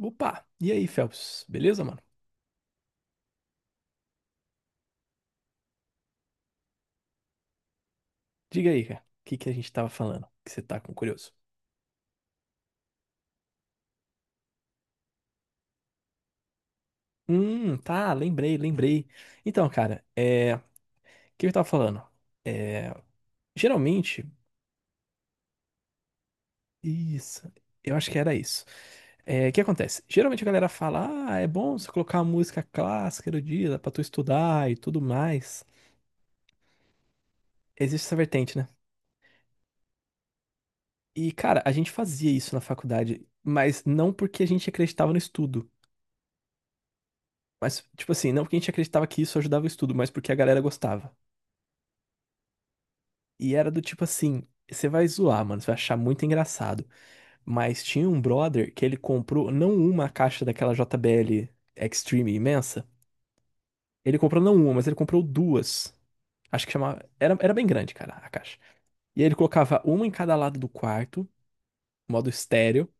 Opa! E aí, Phelps? Beleza, mano? Diga aí, cara. O que que a gente tava falando? Que você tá com curioso? Tá, lembrei. Então, cara, é. O que eu tava falando? É. Geralmente. Isso. Eu acho que era isso. É, o que acontece? Geralmente a galera fala, ah, é bom você colocar música clássica do dia, dá pra tu estudar e tudo mais. Existe essa vertente, né? E, cara, a gente fazia isso na faculdade, mas não porque a gente acreditava no estudo. Mas, tipo assim, não porque a gente acreditava que isso ajudava o estudo, mas porque a galera gostava. E era do tipo assim, você vai zoar, mano, você vai achar muito engraçado. Mas tinha um brother que ele comprou não uma caixa daquela JBL Extreme imensa. Ele comprou não uma, mas ele comprou duas. Acho que chamava. Era bem grande, cara, a caixa. E aí ele colocava uma em cada lado do quarto, modo estéreo.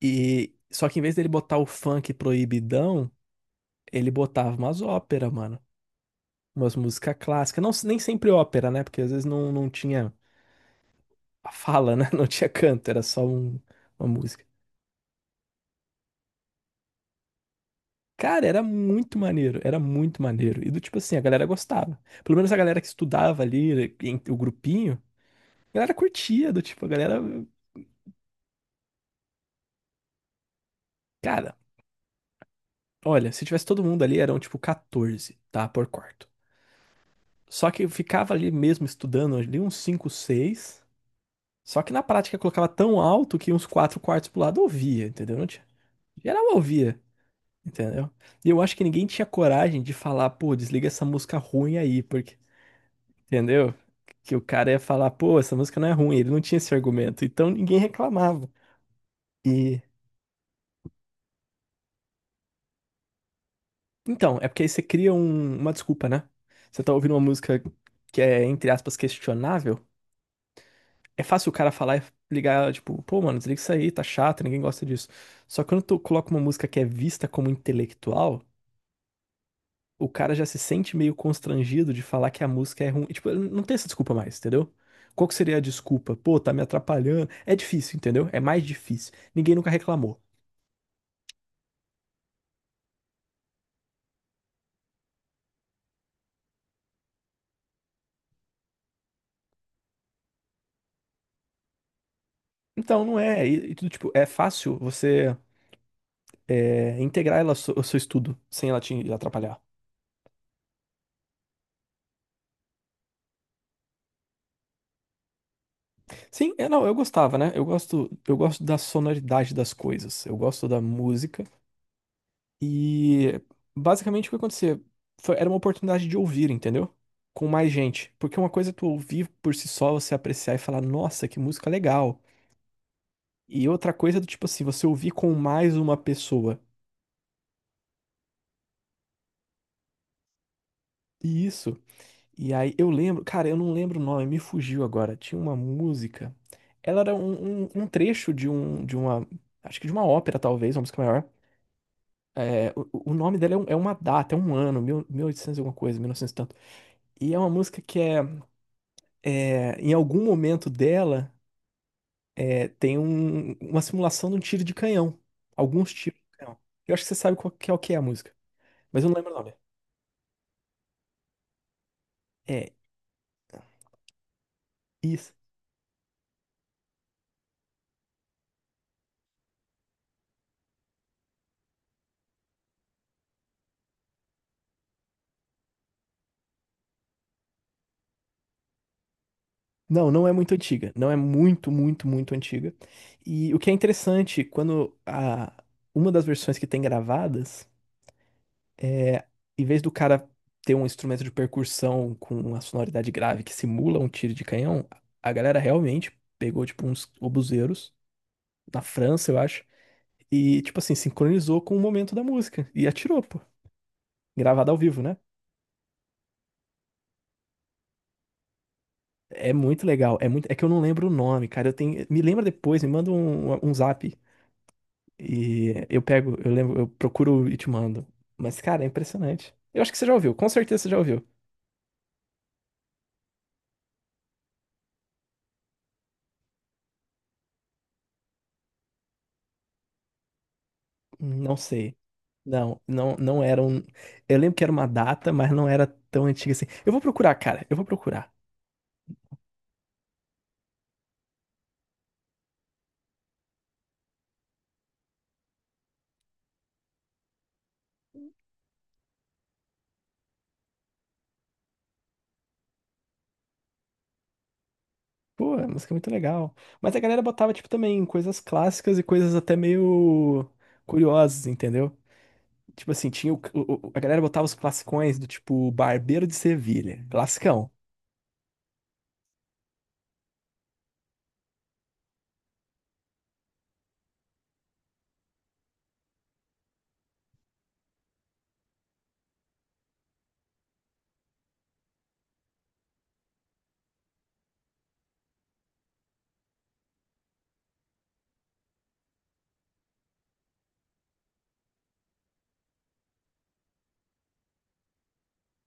E só que em vez dele botar o funk proibidão, ele botava umas óperas, mano. Umas músicas clássicas. Não, nem sempre ópera, né? Porque às vezes não tinha a fala, né? Não tinha canto, era só uma música. Cara, era muito maneiro, era muito maneiro. E do tipo assim, a galera gostava. Pelo menos a galera que estudava ali, o grupinho, a galera curtia, do tipo, a galera. Cara, olha, se tivesse todo mundo ali, eram tipo 14, tá? Por quarto. Só que eu ficava ali mesmo estudando, ali uns 5 seis. Só que na prática eu colocava tão alto que uns quatro quartos pro lado eu ouvia, entendeu? Não tinha- Geral eu ouvia. Entendeu? E eu acho que ninguém tinha coragem de falar, pô, desliga essa música ruim aí, porque, entendeu? Que o cara ia falar, pô, essa música não é ruim, ele não tinha esse argumento, então ninguém reclamava. E então, é porque aí você cria uma desculpa, né? Você tá ouvindo uma música que é, entre aspas, questionável, é fácil o cara falar e ligar, tipo, pô, mano, desliga isso aí, tá chato, ninguém gosta disso. Só que quando tu coloca uma música que é vista como intelectual, o cara já se sente meio constrangido de falar que a música é ruim. Tipo, não tem essa desculpa mais, entendeu? Qual que seria a desculpa? Pô, tá me atrapalhando. É difícil, entendeu? É mais difícil. Ninguém nunca reclamou. Então, não é. E tudo, tipo, é fácil você é, integrar ela ao seu estudo sem ela te atrapalhar. Sim, é, não, eu gostava, né? Eu gosto da sonoridade das coisas. Eu gosto da música. E basicamente o que acontecia era uma oportunidade de ouvir, entendeu? Com mais gente. Porque uma coisa é tu ouvir por si só, você apreciar e falar, nossa, que música legal. E outra coisa é do tipo assim, você ouvir com mais uma pessoa. E isso. E aí eu lembro, cara, eu não lembro o nome, me fugiu agora. Tinha uma música. Ela era um trecho de de uma, acho que de uma ópera, talvez, uma música maior. É, o nome dela é, é uma data, é um ano, mil, mil e oitocentos e alguma coisa, 1900 e novecentos e tanto. E é uma música que é. É, em algum momento dela, é, tem uma simulação de um tiro de canhão. Alguns tiros de canhão. Eu acho que você sabe qual que é, o que é a música, mas eu não lembro o nome. É, isso. Não, não é muito antiga. Não é muito antiga. E o que é interessante, quando a, uma das versões que tem gravadas, em vez do cara ter um instrumento de percussão com uma sonoridade grave que simula um tiro de canhão, a galera realmente pegou, tipo, uns obuseiros, na França, eu acho. E, tipo assim, sincronizou com o momento da música. E atirou, pô. Gravada ao vivo, né? É muito legal. É muito... é que eu não lembro o nome, cara. Eu tenho... Me lembra depois, me manda um zap. E eu pego, eu lembro, eu procuro e te mando. Mas, cara, é impressionante. Eu acho que você já ouviu, com certeza você já ouviu. Não sei. Não era um. Eu lembro que era uma data, mas não era tão antiga assim. Eu vou procurar, cara, eu vou procurar. Pô, a música é muito legal. Mas a galera botava, tipo, também coisas clássicas e coisas até meio curiosas, entendeu? Tipo assim, tinha a galera botava os classicões do tipo Barbeiro de Sevilha, classicão.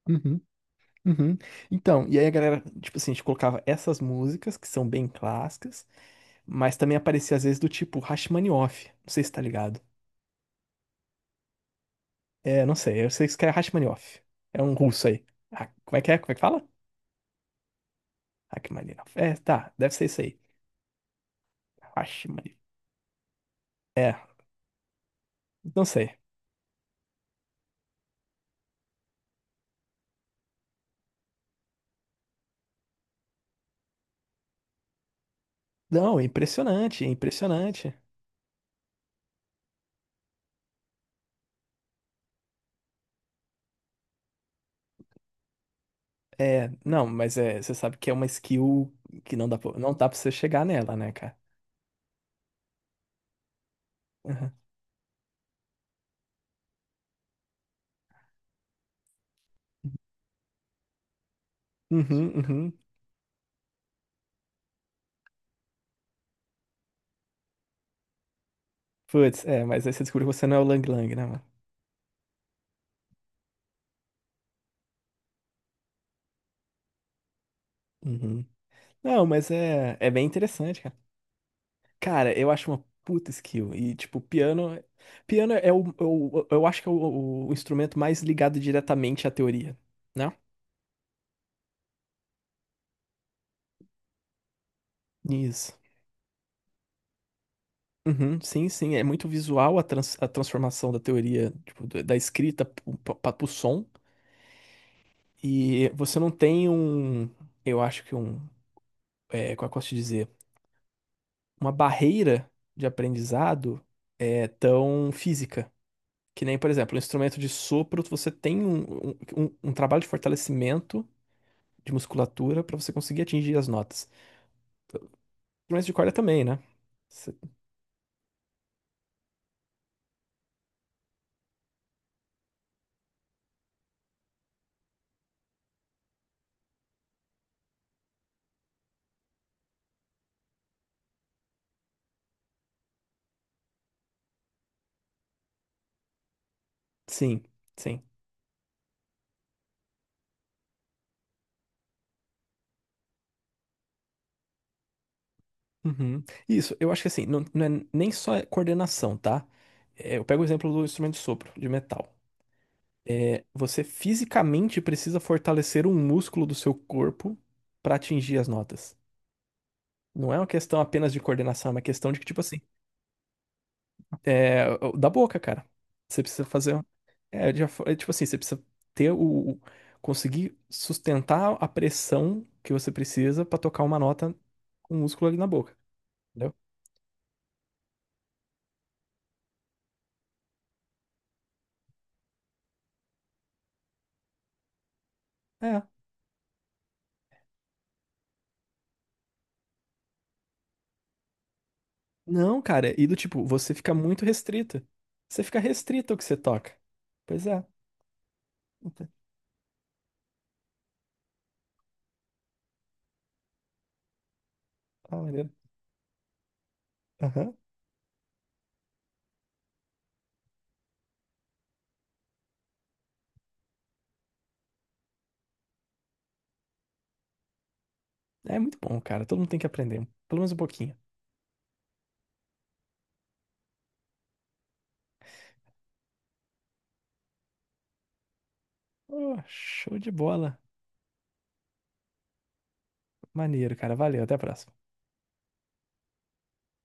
Uhum, uhum. Então, e aí a galera, tipo assim, a gente colocava essas músicas que são bem clássicas, mas também aparecia às vezes do tipo Rachmaninoff. Não sei se tá ligado. É, não sei, eu sei que isso que é Rachmaninoff. É um russo aí. Ah, como é que é? Como é que fala? Rachmaninoff. É, tá, deve ser isso aí. Rachmaninoff. É, não sei. Não, é impressionante, é impressionante. É, não, mas é, você sabe que é uma skill que não dá pra, não dá pra você chegar nela, né, cara? Aham. Uhum, uhum. Putz, é, mas aí você descobriu que você não é o Lang Lang, né, mano? Uhum. Não, mas é, é bem interessante, cara. Cara, eu acho uma puta skill. E, tipo, piano. Piano é o. é o- Eu, acho que é o instrumento mais ligado diretamente à teoria, né? Isso. Uhum, sim, sim. É muito visual a, trans- a transformação da teoria, tipo, do- da escrita pro, pra- pra- pro som. E você não tem um, eu acho que um, é, como é que eu posso te dizer? Uma barreira de aprendizado é tão física. Que nem, por exemplo, um instrumento de sopro, você tem um- um trabalho de fortalecimento de musculatura para você conseguir atingir as notas. Instrumento de corda também, né? Você- Sim, sim. Uhum. Isso, eu acho que assim, não, não é nem só coordenação, tá? É, eu pego o exemplo do instrumento de sopro, de metal. É, você fisicamente precisa fortalecer um músculo do seu corpo para atingir as notas. Não é uma questão apenas de coordenação, é uma questão de que, tipo assim, é, da boca, cara. Você precisa fazer. Um, é, já fa- é, tipo assim, você precisa ter o. o- conseguir sustentar a pressão que você precisa para tocar uma nota com o músculo ali na boca. Entendeu? É. Não, cara, e do tipo, você fica muito restrito. Você fica restrito ao que você toca. Pois é. Ent- Ah, maneiro. É muito bom, cara. Todo mundo tem que aprender, pelo menos um pouquinho. Ô, show de bola. Maneiro, cara. Valeu, até a próxima.